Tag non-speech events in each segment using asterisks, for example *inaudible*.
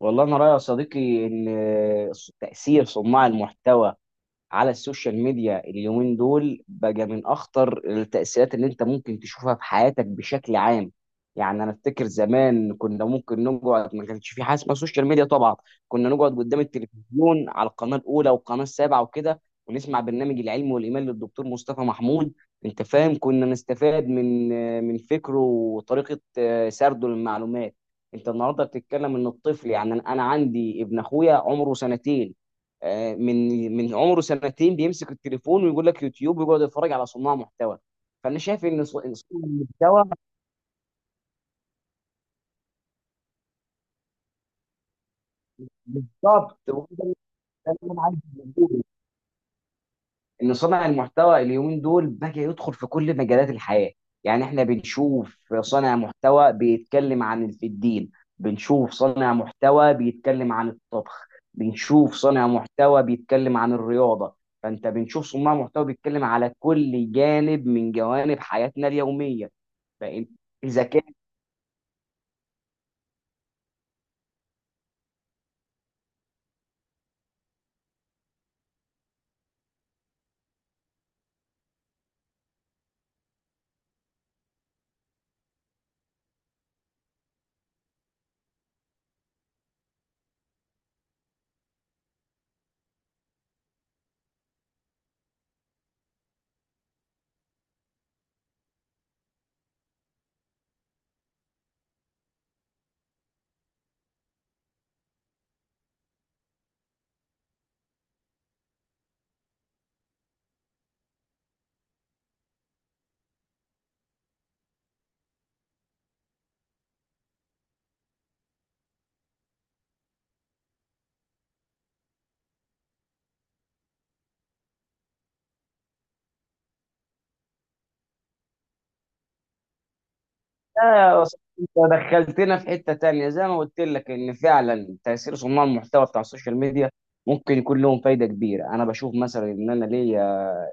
والله انا رايي يا صديقي ان تاثير صناع المحتوى على السوشيال ميديا اليومين دول بقى من اخطر التأثيرات اللي انت ممكن تشوفها في حياتك بشكل عام. يعني انا افتكر زمان كنا ممكن نقعد، ما كانش في حاجه اسمها سوشيال ميديا طبعا. كنا نقعد قدام التلفزيون على القناه الاولى والقناه السابعه وكده، ونسمع برنامج العلم والايمان للدكتور مصطفى محمود. انت فاهم، كنا نستفاد من فكره وطريقه سرده للمعلومات. انت النهارده بتتكلم ان الطفل، يعني انا عندي ابن اخويا عمره سنتين. من عمره سنتين بيمسك التليفون ويقول لك يوتيوب ويقعد يتفرج على صناع محتوى. فانا شايف إن صناع المحتوى بالظبط، وده اللي أنا عايز أقوله. ان صانع المحتوى اليومين دول بقى يدخل في كل مجالات الحياه. يعني احنا بنشوف صانع محتوى بيتكلم في الدين، بنشوف صانع محتوى بيتكلم عن الطبخ، بنشوف صانع محتوى بيتكلم عن الرياضه. فانت بنشوف صناع محتوى بيتكلم على كل جانب من جوانب حياتنا اليوميه. فإذا لا يا صاحبي، انت دخلتنا في حتة تانية. زي ما قلت لك، ان فعلا تأثير صناع المحتوى بتاع السوشيال ميديا ممكن يكون لهم فايدة كبيرة. انا بشوف مثلا ان انا ليا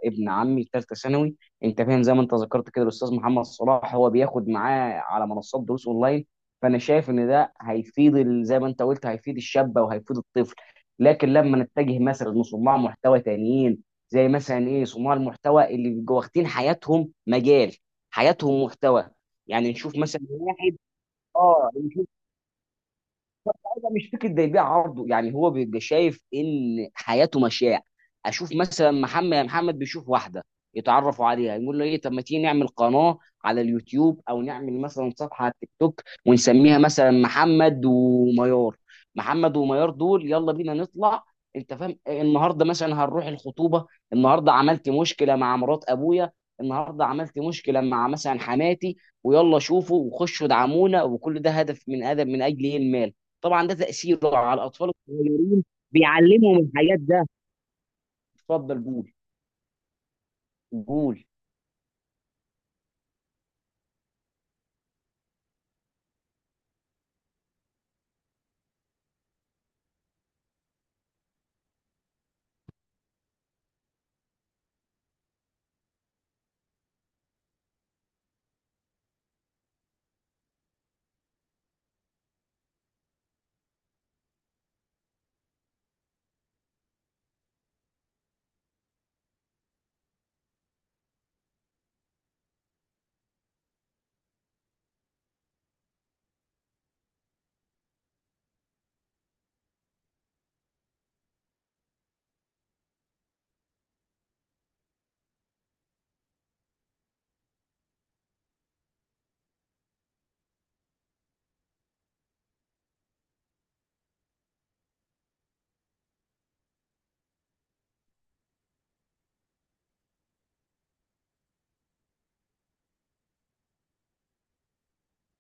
ابن عمي في ثالثة ثانوي، انت فاهم، زي ما انت ذكرت كده الاستاذ محمد صلاح هو بياخد معاه على منصات دروس اونلاين. فانا شايف ان ده هيفيد زي ما انت قلت هيفيد الشابة وهيفيد الطفل. لكن لما نتجه مثلا لصناع محتوى تانيين، زي مثلا ايه، صناع المحتوا اللي بيبقوا واخدين حياتهم مجال، حياتهم محتوى. يعني نشوف مثلا واحد، اه نشوف، انا مش فكره ده يبيع عرضه. يعني هو بيبقى شايف ان حياته مشاع. اشوف مثلا محمد. يعني محمد بيشوف واحده، يتعرفوا عليها، يقول له ايه طب ما تيجي نعمل قناه على اليوتيوب او نعمل مثلا صفحه على التيك توك ونسميها مثلا محمد وميار. محمد وميار دول، يلا بينا نطلع، انت فاهم، النهارده مثلا هنروح الخطوبه، النهارده عملت مشكله مع مرات ابويا، النهارده عملت مشكله مع مثلا حماتي، ويلا شوفوا وخشوا ادعمونا. وكل ده هدف من اجل ايه؟ المال. طبعا ده تأثيره على الأطفال الصغيرين، بيعلمهم الحاجات ده. اتفضل قول، قول.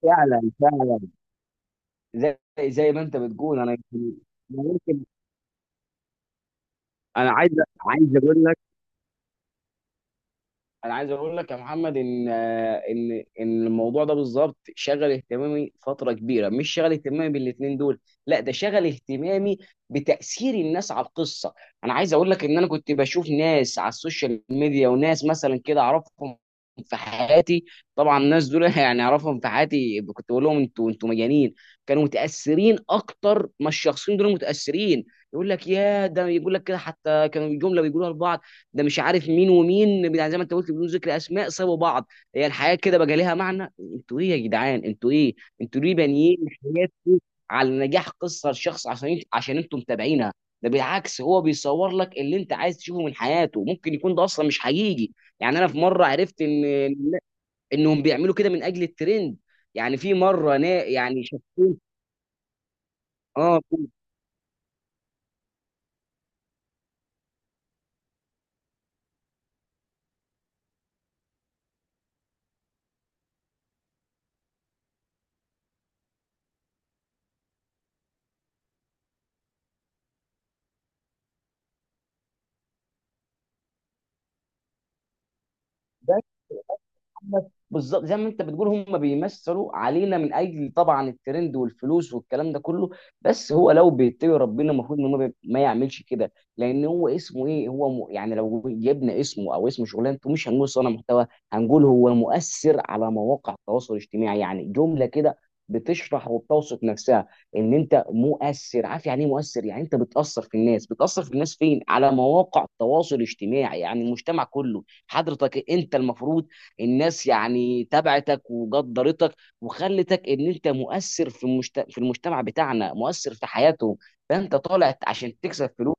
فعلا فعلا، زي زي ما انت بتقول، انا ممكن، انا عايز اقول لك، انا عايز اقول لك يا محمد ان الموضوع ده بالظبط شغل اهتمامي فتره كبيره، مش شغل اهتمامي بالاتنين دول، لا ده شغل اهتمامي بتاثير الناس على القصه. انا عايز اقول لك ان انا كنت بشوف ناس على السوشيال ميديا وناس مثلا كده اعرفهم في حياتي. طبعا الناس دول *laughs* يعني اعرفهم في حياتي، كنت بقول لهم: انتوا مجانين. كانوا متاثرين اكتر ما الشخصين دول متاثرين. يقول لك يا ده، يقول لك كده، حتى كانوا جمله بيقولوها لبعض: ده مش عارف مين ومين بتاع، زي ما انت قلت بدون ذكر اسماء، سابوا بعض، هي الحياه كده بقى ليها معنى؟ انتوا ايه يا جدعان؟ انتوا ايه؟ انتوا ليه بانيين حياتكم على نجاح قصه لشخص، عشان انتوا متابعينها؟ ده بالعكس، هو بيصور لك اللي انت عايز تشوفه من حياته، ممكن يكون ده اصلا مش حقيقي. يعني انا في مره عرفت ان انهم بيعملوا كده من اجل الترند. يعني في مره انا يعني شفتين، اه بس بس بالظبط زي ما انت بتقول، هم بيمثلوا علينا من اجل طبعا الترند والفلوس والكلام ده كله. بس هو لو بيتقي ربنا، المفروض ان هو ما يعملش كده، لان هو اسمه ايه، هو يعني لو جبنا اسمه او اسم شغلانته، مش هنقول صانع محتوى، هنقول هو مؤثر على مواقع التواصل الاجتماعي. يعني جمله كده بتشرح وبتوصف نفسها، ان انت مؤثر. عارف يعني ايه مؤثر؟ يعني انت بتاثر في الناس فين على مواقع التواصل الاجتماعي، يعني المجتمع كله. حضرتك انت المفروض الناس يعني تبعتك وقدرتك وخلتك ان انت مؤثر في المجتمع بتاعنا، مؤثر في حياتهم، فانت طالع عشان تكسب فلوس.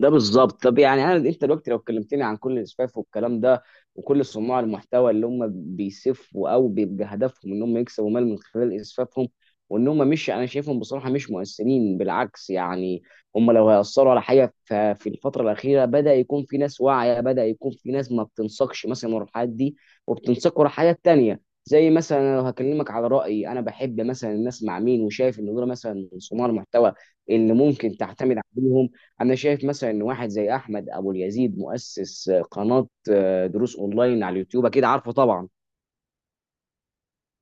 ده بالظبط. طب يعني انت دلوقتي لو كلمتني عن كل الاسفاف والكلام ده، وكل صناع المحتوى اللي هم بيسفوا او بيبقى هدفهم ان هم يكسبوا مال من خلال اسفافهم، وان هم مش، انا شايفهم بصراحه مش مؤثرين، بالعكس يعني. هم لو هيأثروا على حاجه، في الفتره الاخيره بدا يكون في ناس واعيه، بدا يكون في ناس ما بتنساقش مثلا ورا الحاجات دي، وبتنساق ورا حاجات تانيه. زي مثلا أنا لو هكلمك على رأيي، انا بحب مثلا الناس مع مين، وشايف ان دول مثلا صناع المحتوى اللي ممكن تعتمد عليهم. انا شايف مثلا ان واحد زي احمد ابو اليزيد مؤسس قناه دروس اونلاين على اليوتيوب، اكيد عارفه طبعا.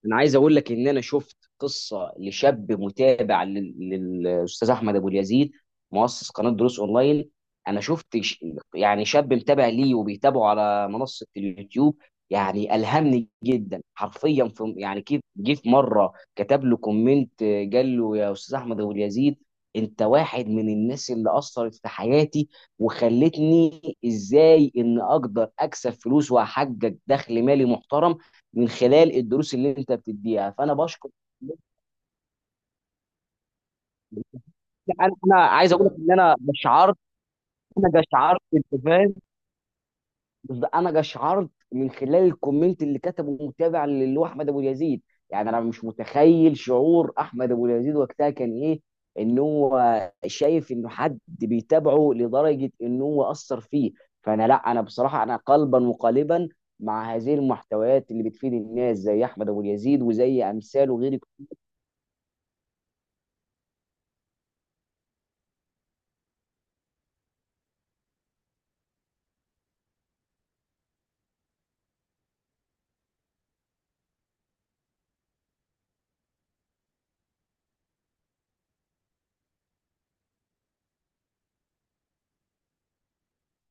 انا عايز اقول لك ان انا شفت قصه لشاب متابع للاستاذ احمد ابو اليزيد، مؤسس قناه دروس اونلاين. انا شفت يعني شاب متابع ليه وبيتابعه على منصه اليوتيوب. يعني الهمني جدا حرفيا. في يعني كيف جه في مره كتب له كومنت، قال له: يا استاذ احمد ابو اليزيد، انت واحد من الناس اللي اثرت في حياتي وخلتني ازاي ان اقدر اكسب فلوس واحقق دخل مالي محترم من خلال الدروس اللي انت بتديها، فانا بشكر. انا عايز اقول لك ان انا قشعرت، انا قشعرت، انت فاهم، بس انا قشعرت من خلال الكومنت اللي كتبه متابع اللي هو احمد ابو اليزيد. يعني انا مش متخيل شعور احمد ابو اليزيد وقتها كان ايه، ان هو شايف انه حد بيتابعه لدرجه ان هو اثر فيه. لا، انا بصراحه انا قلبا وقالبا مع هذه المحتويات اللي بتفيد الناس زي احمد ابو اليزيد وزي امثاله، غير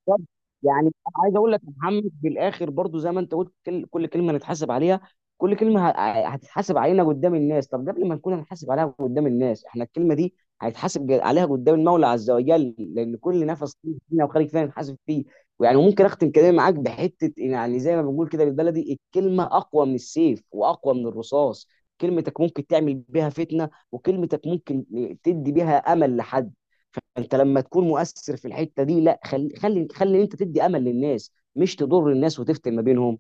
بالظبط. يعني انا عايز اقول لك يا محمد في الاخر برضو، زي ما انت قلت، كل كلمه نتحاسب عليها، كل كلمه هتتحاسب علينا قدام الناس. طب قبل ما نكون هنحاسب عليها قدام الناس، احنا الكلمه دي هيتحاسب عليها قدام المولى عز وجل، لان كل نفس فينا وخارج فينا نحاسب فيه. ويعني ممكن اختم كلامي معاك بحته: يعني زي ما بنقول كده بالبلدي، الكلمه اقوى من السيف واقوى من الرصاص. كلمتك ممكن تعمل بيها فتنه، وكلمتك ممكن تدي بيها امل لحد. فانت لما تكون مؤثر في الحته دي، لا، خلي خلي خلي انت تدي امل للناس مش تضر الناس وتفتن ما بينهم.